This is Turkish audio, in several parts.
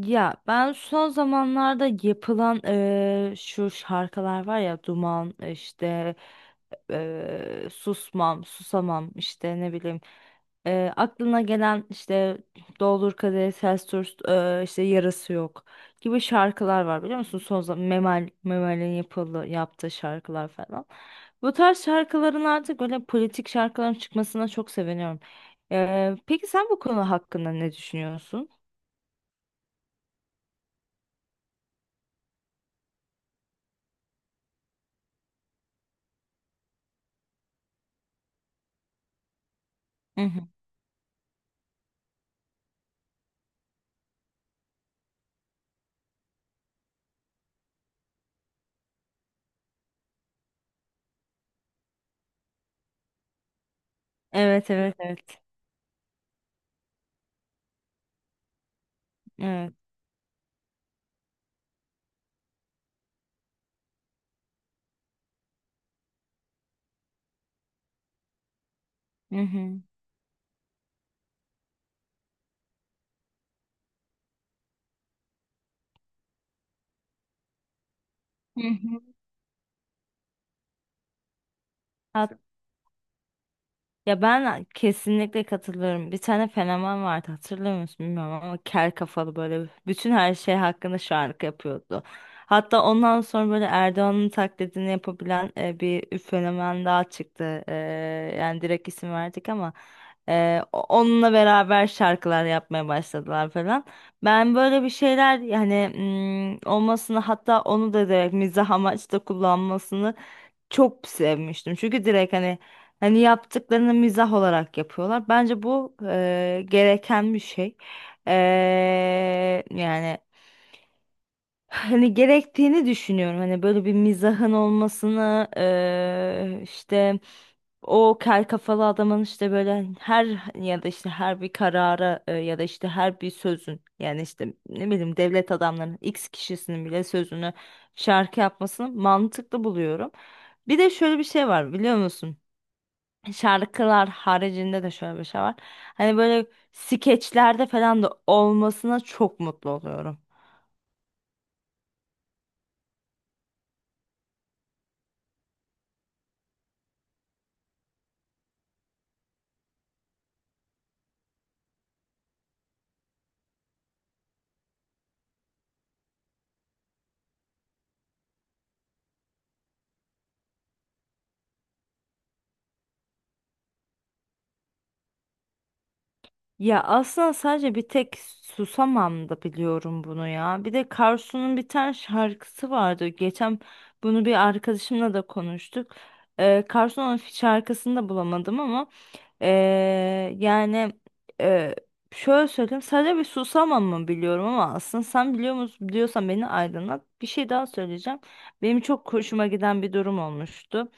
Ya ben son zamanlarda yapılan şu şarkılar var ya Duman işte Susmam Susamam işte ne bileyim aklına gelen işte Doldur Kadehi Ters Tut işte Yarası Yok gibi şarkılar var biliyor musun? Son zaman Memel'in yaptığı şarkılar falan. Bu tarz şarkıların artık böyle politik şarkıların çıkmasına çok seviniyorum. Peki sen bu konu hakkında ne düşünüyorsun? Evet, evet, evet. Evet. Hı hı. Hı hı. Ya ben kesinlikle katılıyorum. Bir tane fenomen vardı hatırlıyor musun bilmiyorum ama kel kafalı böyle bütün her şey hakkında şarkı yapıyordu. Hatta ondan sonra böyle Erdoğan'ın taklidini yapabilen bir fenomen daha çıktı. Yani direkt isim verdik ama onunla beraber şarkılar yapmaya başladılar falan. Ben böyle bir şeyler yani olmasını hatta onu da direkt mizah amaçlı kullanmasını çok sevmiştim. Çünkü direkt hani hani yaptıklarını mizah olarak yapıyorlar. Bence bu gereken bir şey. Yani hani gerektiğini düşünüyorum. Hani böyle bir mizahın olmasını işte o kel kafalı adamın işte böyle her ya da işte her bir karara ya da işte her bir sözün yani işte ne bileyim devlet adamlarının X kişisinin bile sözünü şarkı yapmasını mantıklı buluyorum. Bir de şöyle bir şey var biliyor musun? Şarkılar haricinde de şöyle bir şey var. Hani böyle skeçlerde falan da olmasına çok mutlu oluyorum. Ya aslında sadece bir tek Susamam da biliyorum bunu ya. Bir de Karsu'nun bir tane şarkısı vardı. Geçen bunu bir arkadaşımla da konuştuk. Karsu'nun şarkısını da bulamadım ama ee, yani ee, şöyle söyleyeyim, sadece bir Susamam mı biliyorum ama aslında sen biliyor musun, biliyorsan beni aydınlat. Bir şey daha söyleyeceğim. Benim çok hoşuma giden bir durum olmuştu.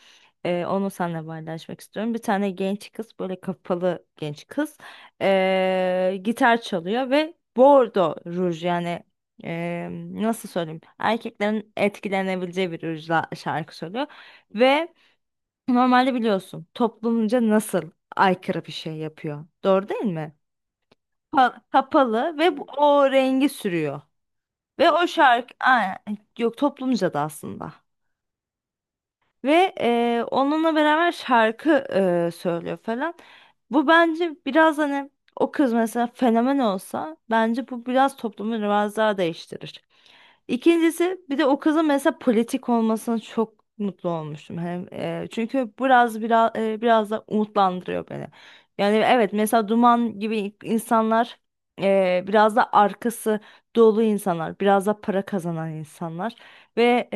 Onu seninle paylaşmak istiyorum. Bir tane genç kız, böyle kapalı genç kız, gitar çalıyor ve bordo ruj, yani eee, nasıl söyleyeyim, erkeklerin etkilenebileceği bir rujla şarkı söylüyor ve normalde biliyorsun toplumca nasıl aykırı bir şey yapıyor, doğru değil mi? Kapalı ve o rengi sürüyor ve o şarkı aa, yok toplumca da aslında. Ve onunla beraber şarkı söylüyor falan. Bu bence biraz hani o kız mesela fenomen olsa bence bu biraz toplumu biraz daha değiştirir. İkincisi, bir de o kızın mesela politik olmasına çok mutlu olmuştum. Hem çünkü biraz biraz da umutlandırıyor beni. Yani evet, mesela Duman gibi insanlar, biraz da arkası dolu insanlar, biraz da para kazanan insanlar ve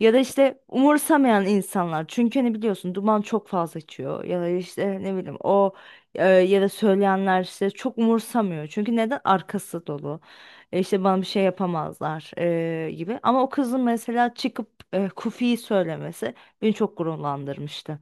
ya da işte umursamayan insanlar. Çünkü hani biliyorsun duman çok fazla içiyor. Ya da işte ne bileyim o ya da söyleyenler işte çok umursamıyor. Çünkü neden? Arkası dolu. İşte bana bir şey yapamazlar gibi. Ama o kızın mesela çıkıp Kufi'yi söylemesi beni çok gururlandırmıştı.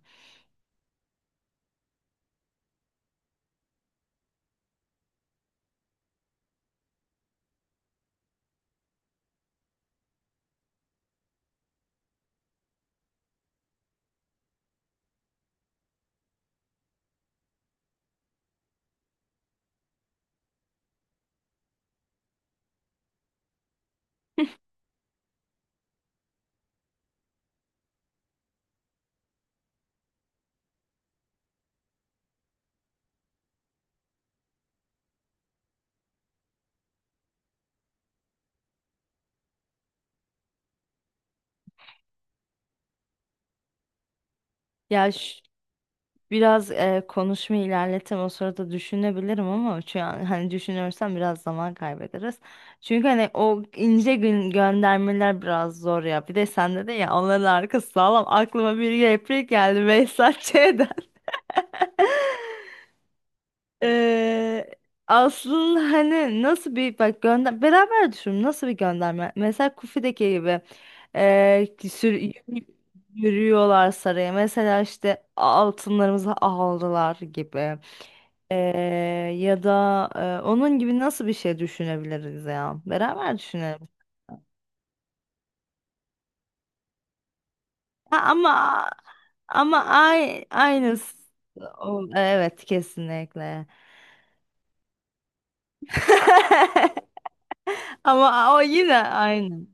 Ya biraz konuşma ilerletem, o sırada düşünebilirim ama şu an hani düşünürsem biraz zaman kaybederiz. Çünkü hani o ince gün göndermeler biraz zor ya. Bir de sende de ya onların arkası sağlam. Aklıma bir replik geldi Behzat Ç'den. Ee, Aslında hani nasıl bir bak gönder, beraber düşünün nasıl bir gönderme, mesela Kufi'deki gibi ee, ki sür- yürüyorlar saraya, mesela işte altınlarımızı aldılar gibi. Ee, Ya da onun gibi nasıl bir şey düşünebiliriz, ya beraber düşünelim. Ha, ama ay, aynısı. Evet, kesinlikle. Ama o yine aynı.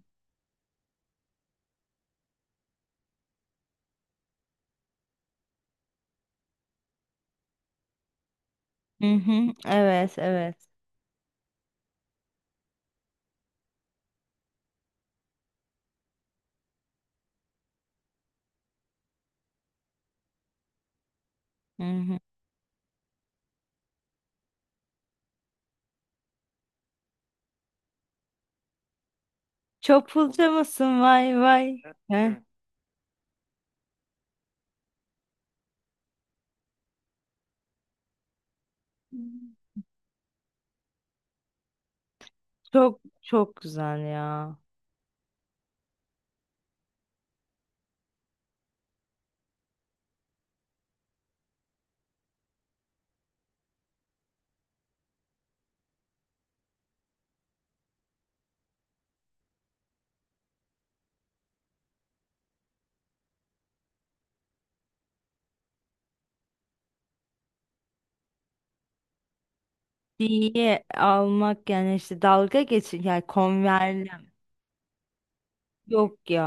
Hı hı. Evet, evet. Hı hı. Çok pulcu musun? Vay vay. Heh. Evet. Çok çok güzel ya. Diye almak, yani işte dalga geçin, yani konverlem. Yok ya.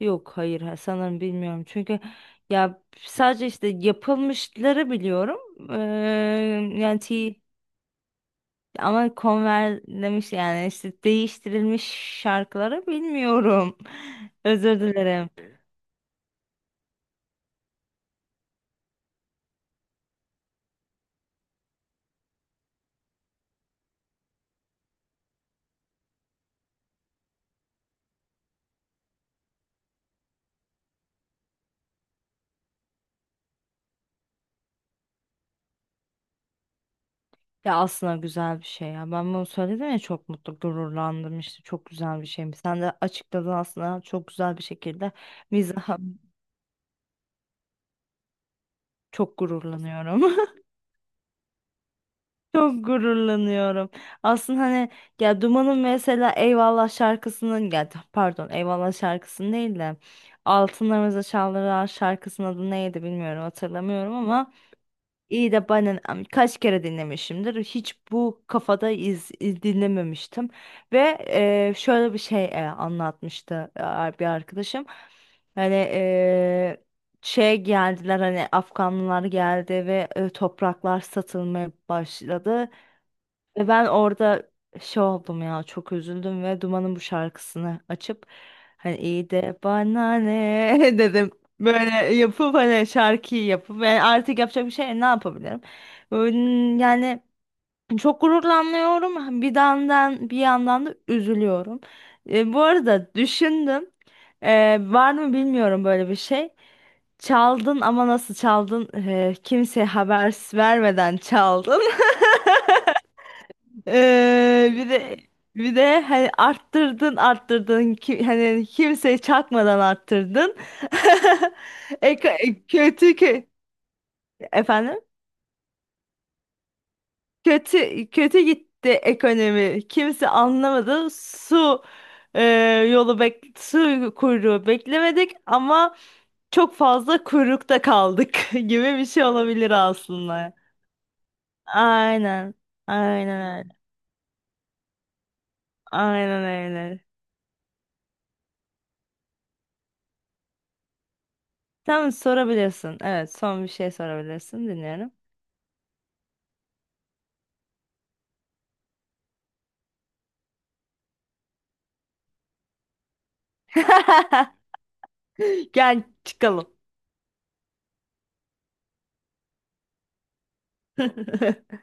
Yok, hayır, ha, sanırım bilmiyorum. Çünkü ya sadece işte yapılmışları biliyorum. Ee, yani T- Ama konverlemiş, yani işte değiştirilmiş şarkıları bilmiyorum. Özür dilerim. Ya aslında güzel bir şey ya. Ben bunu söyledim ya, çok mutlu, gururlandım, işte çok güzel bir şeymiş. Sen de açıkladın aslında çok güzel bir şekilde. Mizaha çok gururlanıyorum. Çok gururlanıyorum. Aslında hani ya Duman'ın mesela Eyvallah şarkısının, ya pardon Eyvallah şarkısının değil de Altınlarımıza Çaldırılan şarkısının adı neydi bilmiyorum, hatırlamıyorum ama İyi de ben kaç kere dinlemişimdir. Hiç bu kafada dinlememiştim. Ve şöyle bir şey anlatmıştı bir arkadaşım. Hani şey geldiler, hani Afganlılar geldi ve topraklar satılmaya başladı. Ve ben orada şey oldum ya, çok üzüldüm ve Duman'ın bu şarkısını açıp hani iyi de bana ne dedim. Böyle yapıp hani şarkıyı yapıp ve artık yapacak bir şey, ne yapabilirim? Yani çok gururlanıyorum bir yandan, bir yandan da üzülüyorum. Bu arada düşündüm. Var mı bilmiyorum böyle bir şey. Çaldın ama nasıl çaldın? Kimseye haber vermeden çaldın. Bir de hani arttırdın, arttırdın ki, hani kimseye çakmadan arttırdın. Kötü ki efendim, kötü kötü gitti ekonomi. Kimse anlamadı. Su e, yolu bek su kuyruğu beklemedik ama çok fazla kuyrukta kaldık gibi bir şey olabilir aslında. Aynen. Aynen öyle. Aynen öyle. Tamam, sorabilirsin. Evet, son bir şey sorabilirsin. Dinliyorum. Gel çıkalım.